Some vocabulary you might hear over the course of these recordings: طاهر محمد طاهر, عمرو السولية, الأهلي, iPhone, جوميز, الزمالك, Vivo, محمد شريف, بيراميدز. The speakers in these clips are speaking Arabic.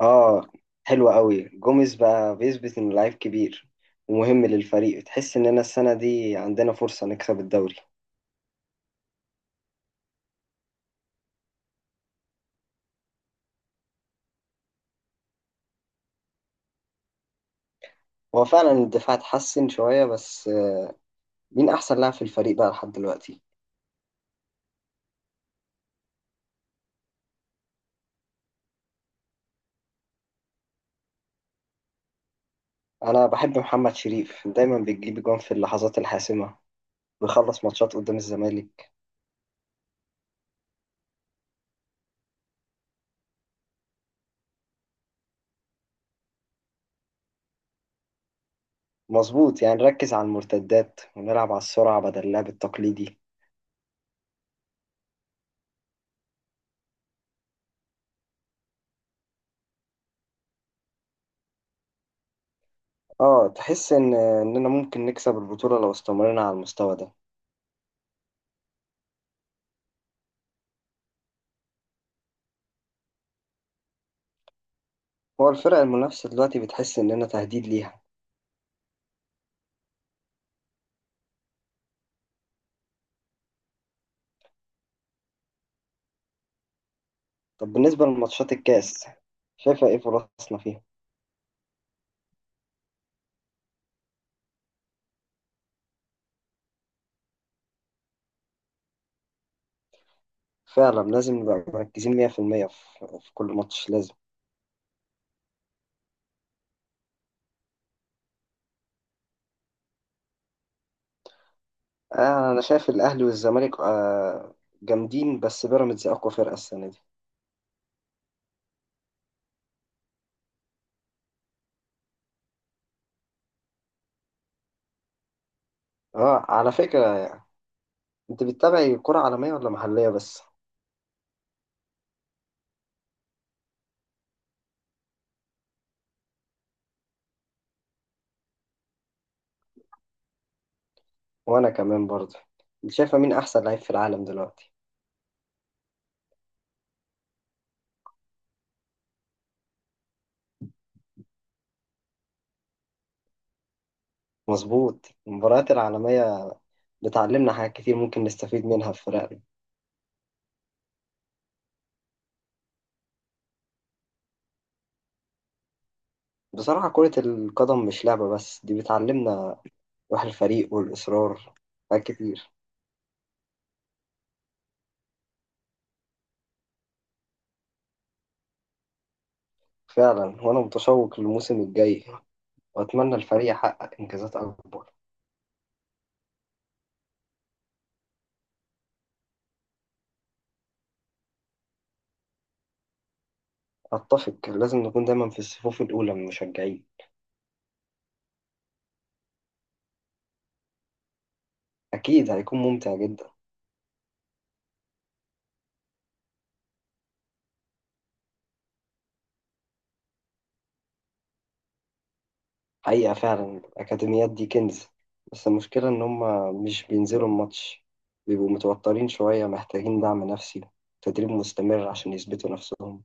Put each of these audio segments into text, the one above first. اه، حلوة قوي. جوميز بقى بيثبت انه لعيب كبير ومهم للفريق. تحس اننا السنة دي عندنا فرصة نكسب الدوري. هو فعلا الدفاع اتحسن شوية بس مين احسن لاعب في الفريق بقى لحد دلوقتي؟ انا بحب محمد شريف، دايما بيجيب جون في اللحظات الحاسمة، بيخلص ماتشات قدام الزمالك. مظبوط، يعني نركز على المرتدات ونلعب على السرعة بدل اللعب التقليدي. اه، تحس ان اننا ممكن نكسب البطولة لو استمرنا على المستوى ده. هو الفرق المنافسة دلوقتي بتحس اننا تهديد ليها؟ طب بالنسبة لماتشات الكاس، شايفة ايه فرصنا فيها؟ فعلا لازم نبقى مركزين 100% في المية في كل ماتش لازم. آه، أنا شايف الأهلي والزمالك آه جامدين، بس بيراميدز أقوى فرقة السنة دي. اه، على فكرة، أنت بتتابعي كرة عالمية ولا محلية بس؟ وأنا كمان برضه. أنت شايفة مين أحسن لعيب في العالم دلوقتي؟ مظبوط، المباريات العالمية بتعلمنا حاجات كتير ممكن نستفيد منها في فرقنا. بصراحة كرة القدم مش لعبة بس، دي بتعلمنا روح الفريق والإصرار، حاجات كتير. فعلا، وأنا متشوق للموسم الجاي، وأتمنى الفريق يحقق إنجازات أكبر. أتفق، لازم نكون دايما في الصفوف الأولى من المشجعين. أكيد هيكون ممتع جدا. حقيقة فعلا الأكاديميات دي كنز، بس المشكلة إن هما مش بينزلوا الماتش، بيبقوا متوترين شوية، محتاجين دعم نفسي، تدريب مستمر عشان يثبتوا نفسهم.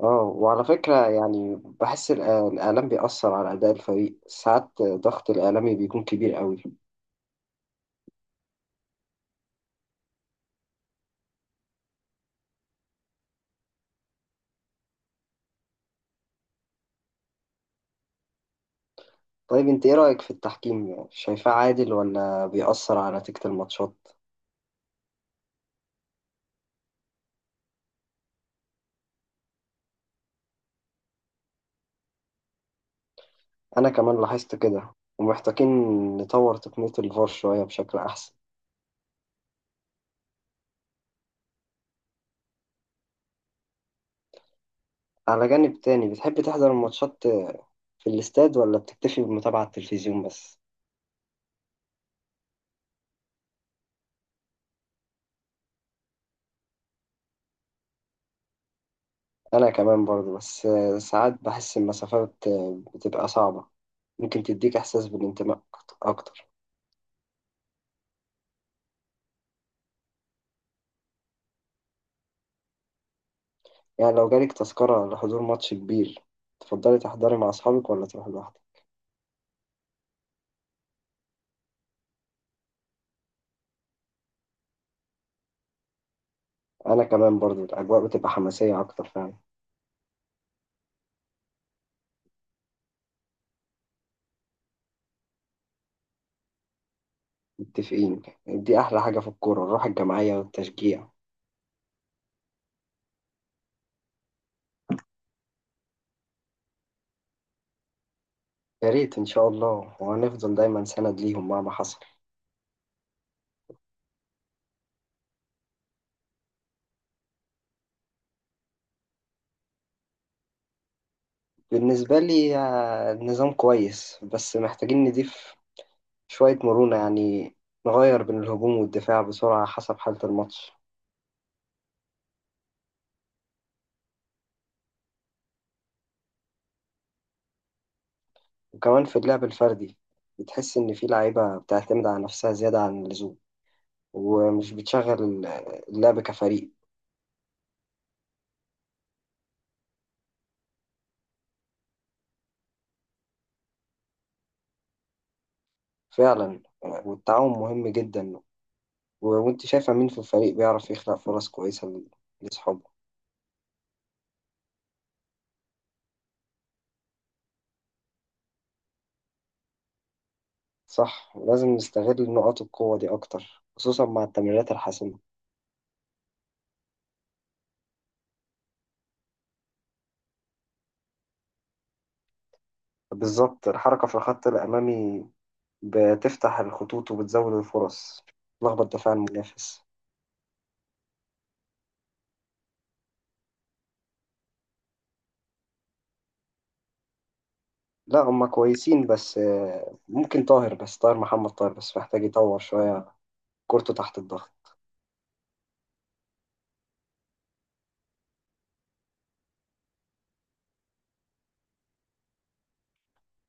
اه، وعلى فكرة يعني بحس الإعلام بيأثر على أداء الفريق ساعات، ضغط الإعلامي بيكون كبير قوي. طيب انت ايه رأيك في التحكيم، شايفاه عادل ولا بيأثر على نتيجة الماتشات؟ انا كمان لاحظت كده، ومحتاجين نطور تقنية الفار شوية بشكل احسن. على جانب تاني، بتحب تحضر الماتشات في الاستاد ولا بتكتفي بمتابعة على التلفزيون بس؟ انا كمان برضو، بس ساعات بحس المسافات بتبقى صعبة. ممكن تديك احساس بالانتماء اكتر، يعني لو جالك تذكرة لحضور ماتش كبير، تفضلي تحضري مع اصحابك ولا تروحي لوحدك؟ انا كمان برضو الاجواء بتبقى حماسية اكتر فعلا. متفقين، دي أحلى حاجة في الكورة، الروح الجماعية والتشجيع. يا ريت إن شاء الله، وهنفضل دايما سند ليهم مهما حصل. بالنسبة لي النظام كويس، بس محتاجين نضيف شوية مرونة، يعني نغير بين الهجوم والدفاع بسرعة حسب حالة الماتش. وكمان في اللعب الفردي، بتحس إن في لعيبة بتعتمد على نفسها زيادة عن اللزوم، ومش بتشغل اللعب كفريق. فعلا والتعاون مهم جدا. وانت شايفة مين في الفريق بيعرف يخلق فرص كويسة لأصحابه؟ صح، لازم نستغل نقاط القوة دي أكتر خصوصا مع التمريرات الحاسمة. بالظبط، الحركة في الخط الأمامي بتفتح الخطوط وبتزود الفرص، تلخبط دفاع المنافس. لا هما كويسين، بس ممكن طاهر محمد طاهر بس محتاج يطور شوية كورته تحت الضغط.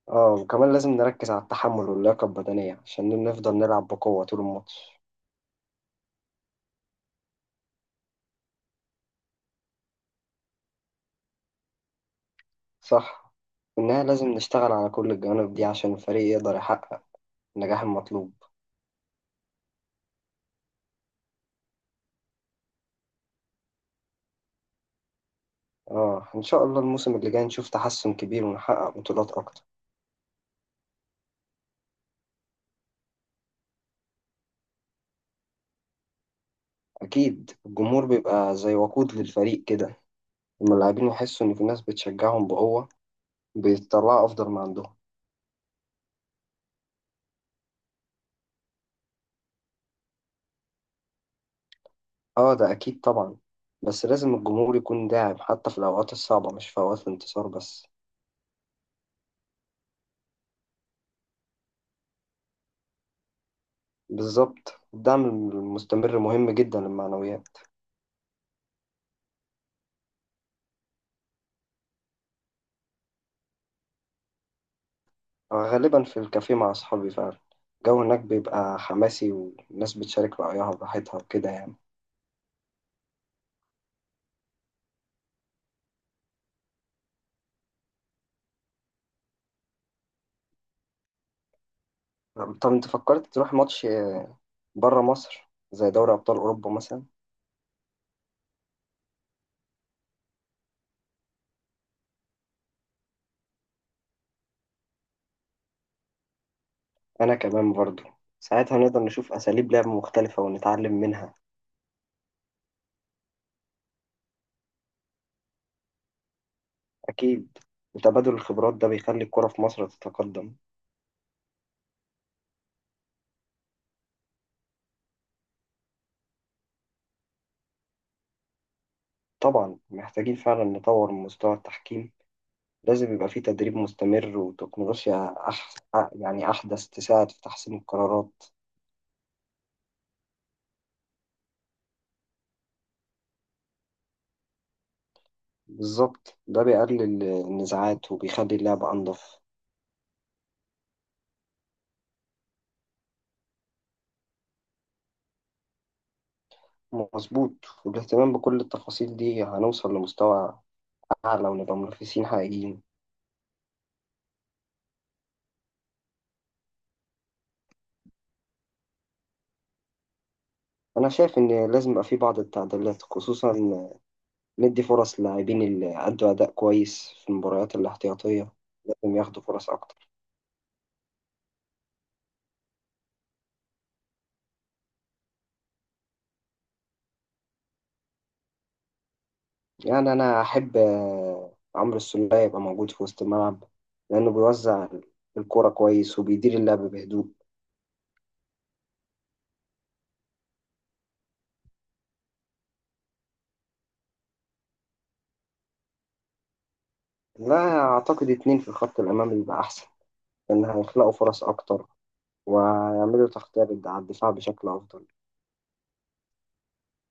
اه وكمان لازم نركز على التحمل واللياقة البدنية عشان نفضل نلعب بقوة طول الماتش. صح، إنها لازم نشتغل على كل الجوانب دي عشان الفريق يقدر يحقق النجاح المطلوب. اه ان شاء الله الموسم اللي جاي نشوف تحسن كبير ونحقق بطولات اكتر. اكيد، الجمهور بيبقى زي وقود للفريق كده، لما اللاعبين يحسوا ان في ناس بتشجعهم بقوة، بيطلعوا افضل ما عندهم. اه ده اكيد طبعا، بس لازم الجمهور يكون داعم حتى في الاوقات الصعبة، مش في اوقات الانتصار بس. بالظبط، الدعم المستمر مهم جدا للمعنويات. غالبا في الكافيه مع اصحابي فعلا، الجو هناك بيبقى حماسي والناس بتشارك رأيها براحتها وكده يعني. طب انت فكرت تروح ماتش بره مصر زي دوري أبطال أوروبا مثلا؟ أنا كمان برضو، ساعتها نقدر نشوف أساليب لعب مختلفة ونتعلم منها. أكيد، وتبادل الخبرات ده بيخلي الكرة في مصر تتقدم. طبعا محتاجين فعلا نطور من مستوى التحكيم، لازم يبقى فيه تدريب مستمر وتكنولوجيا يعني أحدث تساعد في تحسين القرارات. بالظبط، ده بيقلل النزاعات وبيخلي اللعبة أنظف. مظبوط، والاهتمام بكل التفاصيل دي هنوصل لمستوى أعلى ونبقى منافسين حقيقيين. أنا شايف إن لازم يبقى في بعض التعديلات، خصوصا ندي فرص للاعبين اللي أدوا أداء كويس في المباريات الاحتياطية، لازم ياخدوا فرص أكتر. يعني أنا أحب عمرو السولية يبقى موجود في وسط الملعب، لأنه بيوزع الكرة كويس وبيدير اللعب بهدوء. لا، أعتقد اتنين في الخط الأمامي يبقى أحسن، لأن هيخلقوا فرص أكتر ويعملوا تغطية على الدفاع بشكل أفضل.